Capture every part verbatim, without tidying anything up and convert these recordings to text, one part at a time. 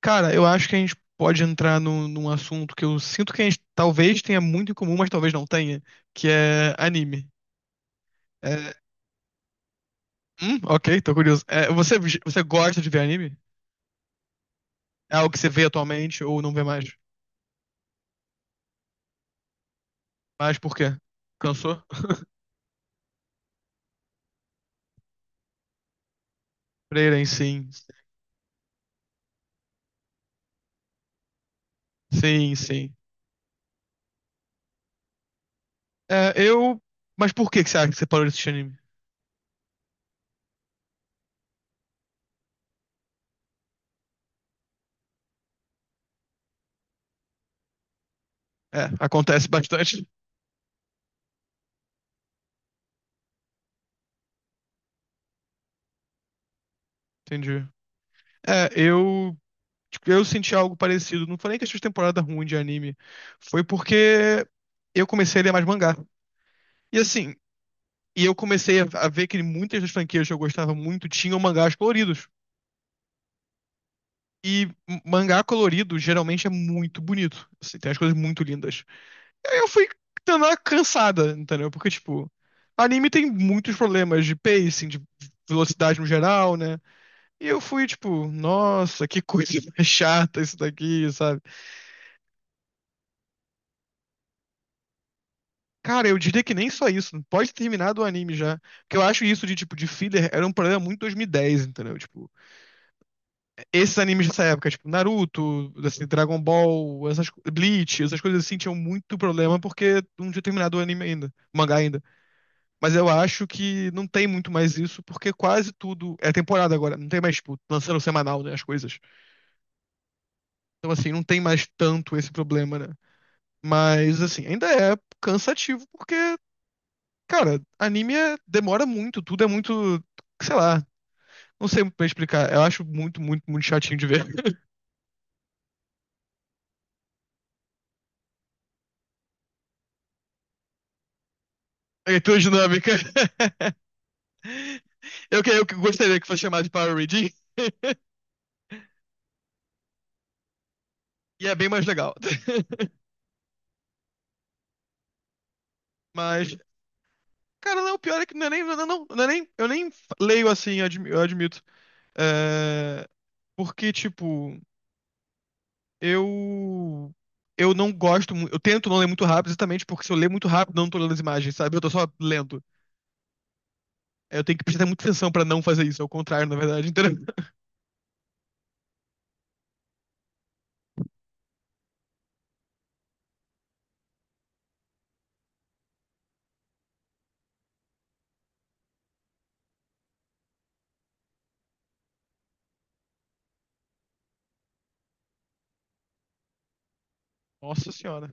Cara, eu acho que a gente pode entrar num, num assunto que eu sinto que a gente talvez tenha muito em comum, mas talvez não tenha, que é anime. É, hum, ok, tô curioso. É, você, você gosta de ver anime? É algo que você vê atualmente ou não vê mais? Mas por quê? Cansou? Freira, sim. Sim, sim. É, eu. Mas por que que você acha que você parou de assistir anime? É, acontece bastante. Entendi. É, eu Tipo, eu senti algo parecido. Não foi nem questão de temporada ruim de anime. Foi porque eu comecei a ler mais mangá. E assim, e eu comecei a a ver que muitas das franquias que eu gostava muito tinham mangás coloridos. E m- mangá colorido geralmente é muito bonito. Assim, tem as coisas muito lindas. Aí eu fui dando uma cansada, entendeu? Porque, tipo, anime tem muitos problemas de pacing, de velocidade no geral, né? E eu fui, tipo, nossa, que coisa mais chata isso daqui, sabe? Cara, eu diria que nem só isso. Pode ter terminado o anime já. Porque eu acho isso de, tipo, de filler era um problema muito dois mil e dez, entendeu? Tipo, esses animes dessa época, tipo, Naruto, assim, Dragon Ball, essas, co- Bleach, essas coisas assim, tinham muito problema porque não tinha terminado o anime ainda, o mangá ainda. Mas eu acho que não tem muito mais isso, porque quase tudo é temporada agora. Não tem mais, tipo, lançando semanal, né, as coisas. Então, assim, não tem mais tanto esse problema, né? Mas, assim, ainda é cansativo porque cara, anime é- demora muito, tudo é muito, sei lá, não sei pra explicar. Eu acho muito, muito, muito chatinho de ver. É leitura dinâmica. Eu, que- eu que gostaria que fosse chamado de Power Reading, e é bem mais legal. Mas, cara, não, o pior é que não é nem, não, não, não, é nem, eu nem leio assim, eu admi- eu admito. É, porque, tipo, eu eu não gosto, mu- eu tento não ler muito rápido, exatamente porque se eu ler muito rápido, eu não tô lendo as imagens, sabe? Eu tô só lendo. Eu tenho que prestar muita atenção pra não fazer isso, é o contrário, na verdade. Então, nossa senhora.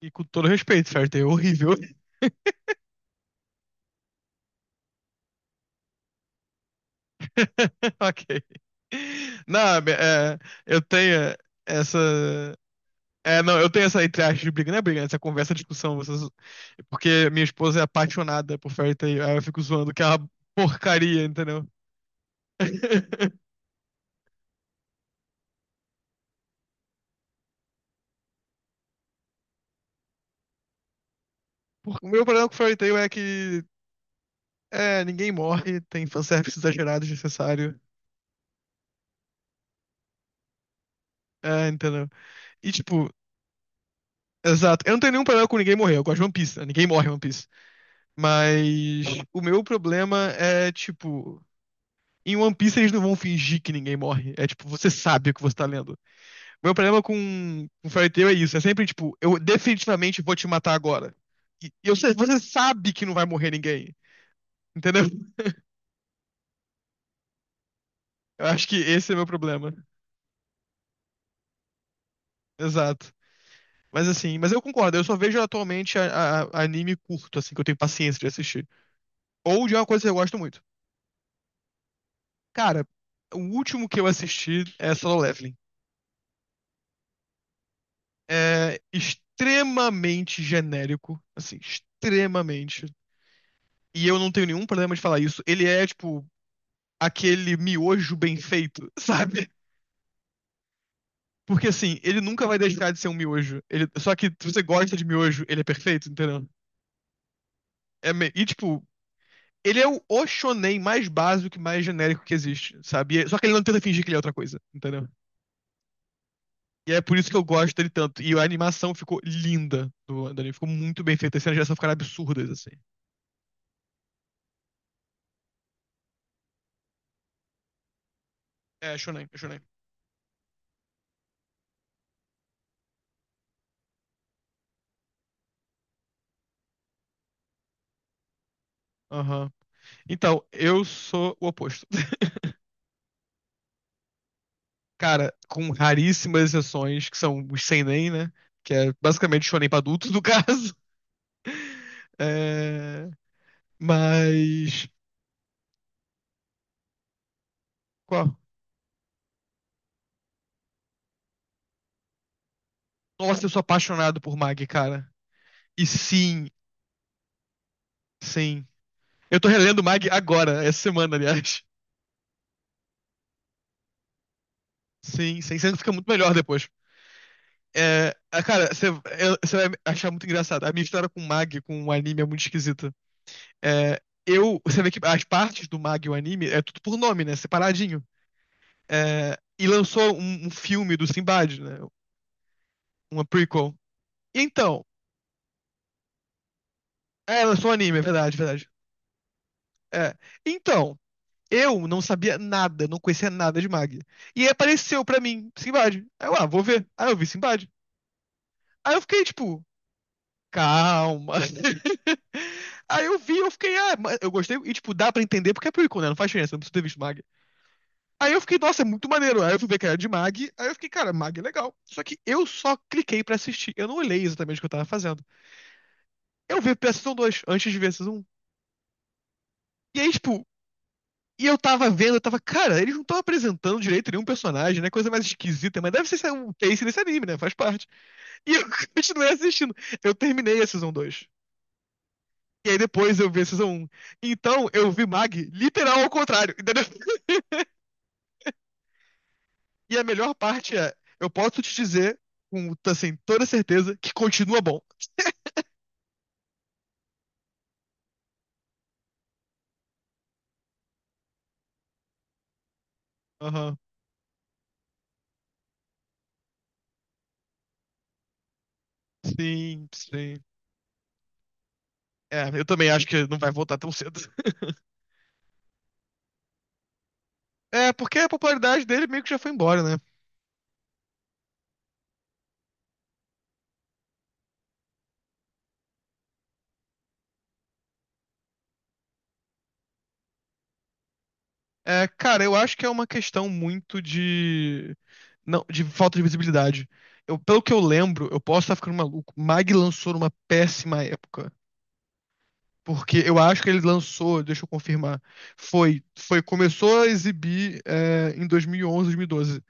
E com todo respeito, certo? É horrível. Ok. Não, é, é, eu tenho essa. É, não, eu tenho essa entre aspas de briga, não é briga, né? Essa conversa, discussão, vocês- porque minha esposa é apaixonada por Fairy Tail, aí eu fico zoando que é uma porcaria, entendeu? Por- O meu problema com Fairy Tail é que é, ninguém morre, tem fanservice exagerado, desnecessário, é, entendeu? E tipo, exato. Eu não tenho nenhum problema com ninguém morrer. Eu gosto de One Piece, né? Ninguém morre em One Piece. Mas o meu problema é, tipo, em One Piece eles não vão fingir que ninguém morre. É tipo, você sabe o que você tá lendo. Meu problema com, com Fairy Tail é isso. É sempre, tipo, eu definitivamente vou te matar agora. E e eu sei- você sabe que não vai morrer ninguém. Entendeu? Eu acho que esse é meu problema. Exato. Mas assim, mas eu concordo, eu só vejo atualmente a, a- a- anime curto, assim, que eu tenho paciência de assistir. Ou de uma coisa que eu gosto muito. Cara, o último que eu assisti é Solo Leveling. É extremamente genérico, assim, extremamente. E eu não tenho nenhum problema de falar isso. Ele é, tipo, aquele miojo bem feito, sabe? Porque, assim, ele nunca vai deixar de ser um miojo. Ele... Só que se você gosta de miojo, ele é perfeito, entendeu? É me- E, tipo, ele é o o shonen mais básico e mais genérico que existe, sabe? E é- só que ele não tenta fingir que ele é outra coisa, entendeu? E é por isso que eu gosto dele tanto. E a animação ficou linda do do anime. Ficou muito bem feita. As cenas de ação ficaram absurdas, assim. É, shonen, é shonen. Aham. Então, eu sou o oposto. Cara, com raríssimas exceções, que são os seinen, né? Que é basicamente shonen pra adultos, no caso. É... Mas... Qual? Nossa, eu sou apaixonado por Mag, cara. E sim, sim. Eu tô relendo Mag agora, essa semana, aliás. Sim, sim. Sempre fica muito melhor depois. É, ah, cara, você vai achar muito engraçado. A minha história com o Mag, com o anime, é muito esquisita. É, eu, você vê que as partes do Mag e o anime é tudo por nome, né? Separadinho. É, e lançou um, um filme do Sinbad, né? Uma prequel. Então, é, lançou um anime, é verdade, é verdade. É. Então, eu não sabia nada, não conhecia nada de Mag. E aí apareceu pra mim, Sinbad. Aí eu, ah, vou ver. Aí eu vi Sinbad. Aí eu fiquei, tipo, calma. Aí eu vi, eu fiquei, ah, mas eu gostei. E, tipo, dá pra entender porque é prequel, né? Não faz diferença, não preciso ter visto Mag. Aí eu fiquei, nossa, é muito maneiro. Aí eu fui ver que era de Mag. Aí eu fiquei, cara, Mag é legal. Só que eu só cliquei pra assistir. Eu não olhei exatamente o que eu tava fazendo. Eu vi a Season dois antes de ver a Season um. E aí, tipo, e eu tava vendo, eu tava, cara, eles não estão apresentando direito nenhum personagem, né? Coisa mais esquisita. Mas deve ser um case desse anime, né? Faz parte. E eu continuei assistindo. Eu terminei a Season dois. E aí depois eu vi a Season um. Então eu vi Mag literal ao contrário, entendeu? E a melhor parte é, eu posso te dizer com assim, toda certeza que continua bom. Aham. Sim, sim. É, eu também acho que não vai voltar tão cedo. É, porque a popularidade dele meio que já foi embora, né? É, cara, eu acho que é uma questão muito de. Não, de falta de visibilidade. Eu, pelo que eu lembro, eu posso estar ficando maluco. Mag lançou numa péssima época. Porque eu acho que ele lançou, deixa eu confirmar, foi, foi começou a exibir é, em dois mil e onze, dois mil e doze,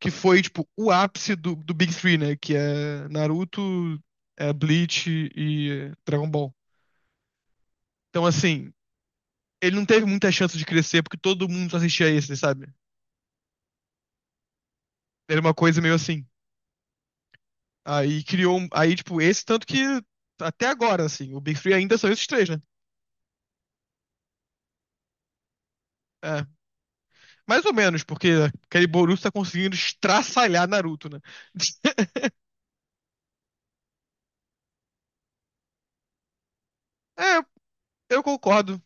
que foi tipo o ápice do, do Big Three, né? Que é Naruto, é, Bleach e Dragon Ball. Então assim, ele não teve muita chance de crescer porque todo mundo só assistia esse, sabe? Era uma coisa meio assim. Aí criou, um- aí tipo esse tanto que até agora assim, o Big Three ainda são esses três, né? É, mais ou menos, porque aquele Boruto tá conseguindo estraçalhar Naruto, né? É, eu concordo.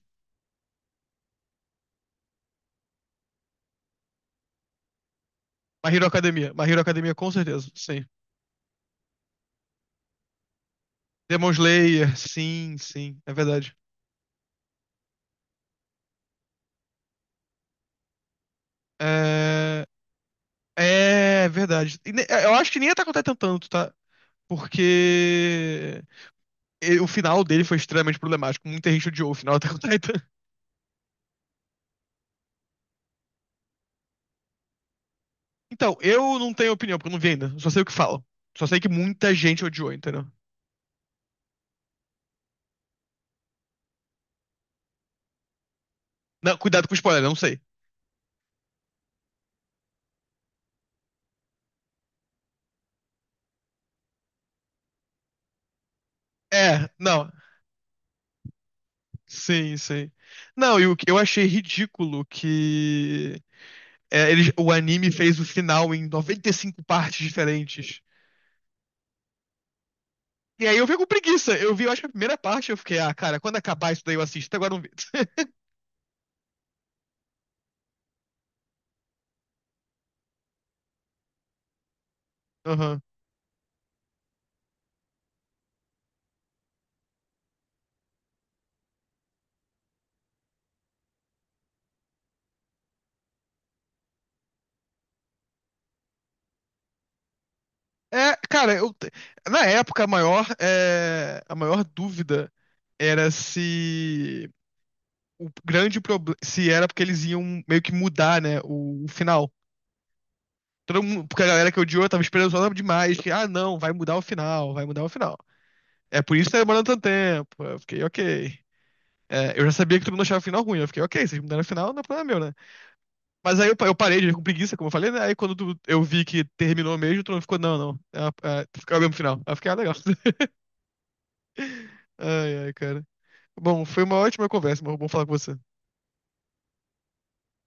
My Hero Academia. My Hero Academia, com certeza. Sim. Demon Slayer, sim, sim. É verdade. É, é verdade. E ne- eu acho que nem Attack on Titan tanto, tá? Porque e- o final dele foi extremamente problemático. Muita gente odiou o final do Attack on Titan. Então, eu não tenho opinião, porque eu não vi ainda. Só sei o que falam. Só sei que muita gente odiou, entendeu? Não, cuidado com o spoiler, eu não sei. É, não. Sim, sim. Não, e o que eu achei ridículo que é, eles, o anime fez o final em noventa e cinco partes diferentes. E aí eu fiquei com preguiça. Eu vi, eu acho que a primeira parte, eu fiquei, ah, cara, quando acabar isso daí eu assisto. Até agora eu não vi. Aham. É, cara, eu, na época a maior, é, a maior dúvida era se o grande problema, se era porque eles iam meio que mudar, né, o, o final. Todo mundo, porque a galera que odiou tava esperando demais, que, ah, não, vai mudar o final, vai mudar o final. É por isso que tá demorando tanto tempo. Eu fiquei, ok. É, eu já sabia que todo mundo achava o final ruim. Eu fiquei, ok, vocês mudaram o final, não é problema meu, né? Mas aí eu, pa- eu parei de ver com preguiça, como eu falei, né? Aí quando tu- eu vi que terminou mesmo, todo mundo ficou, não, não. É, uma- é, ficou o mesmo final. Aí eu fiquei, ah, legal. Ai, ai, cara. Bom, foi uma ótima conversa, mas bom falar com você.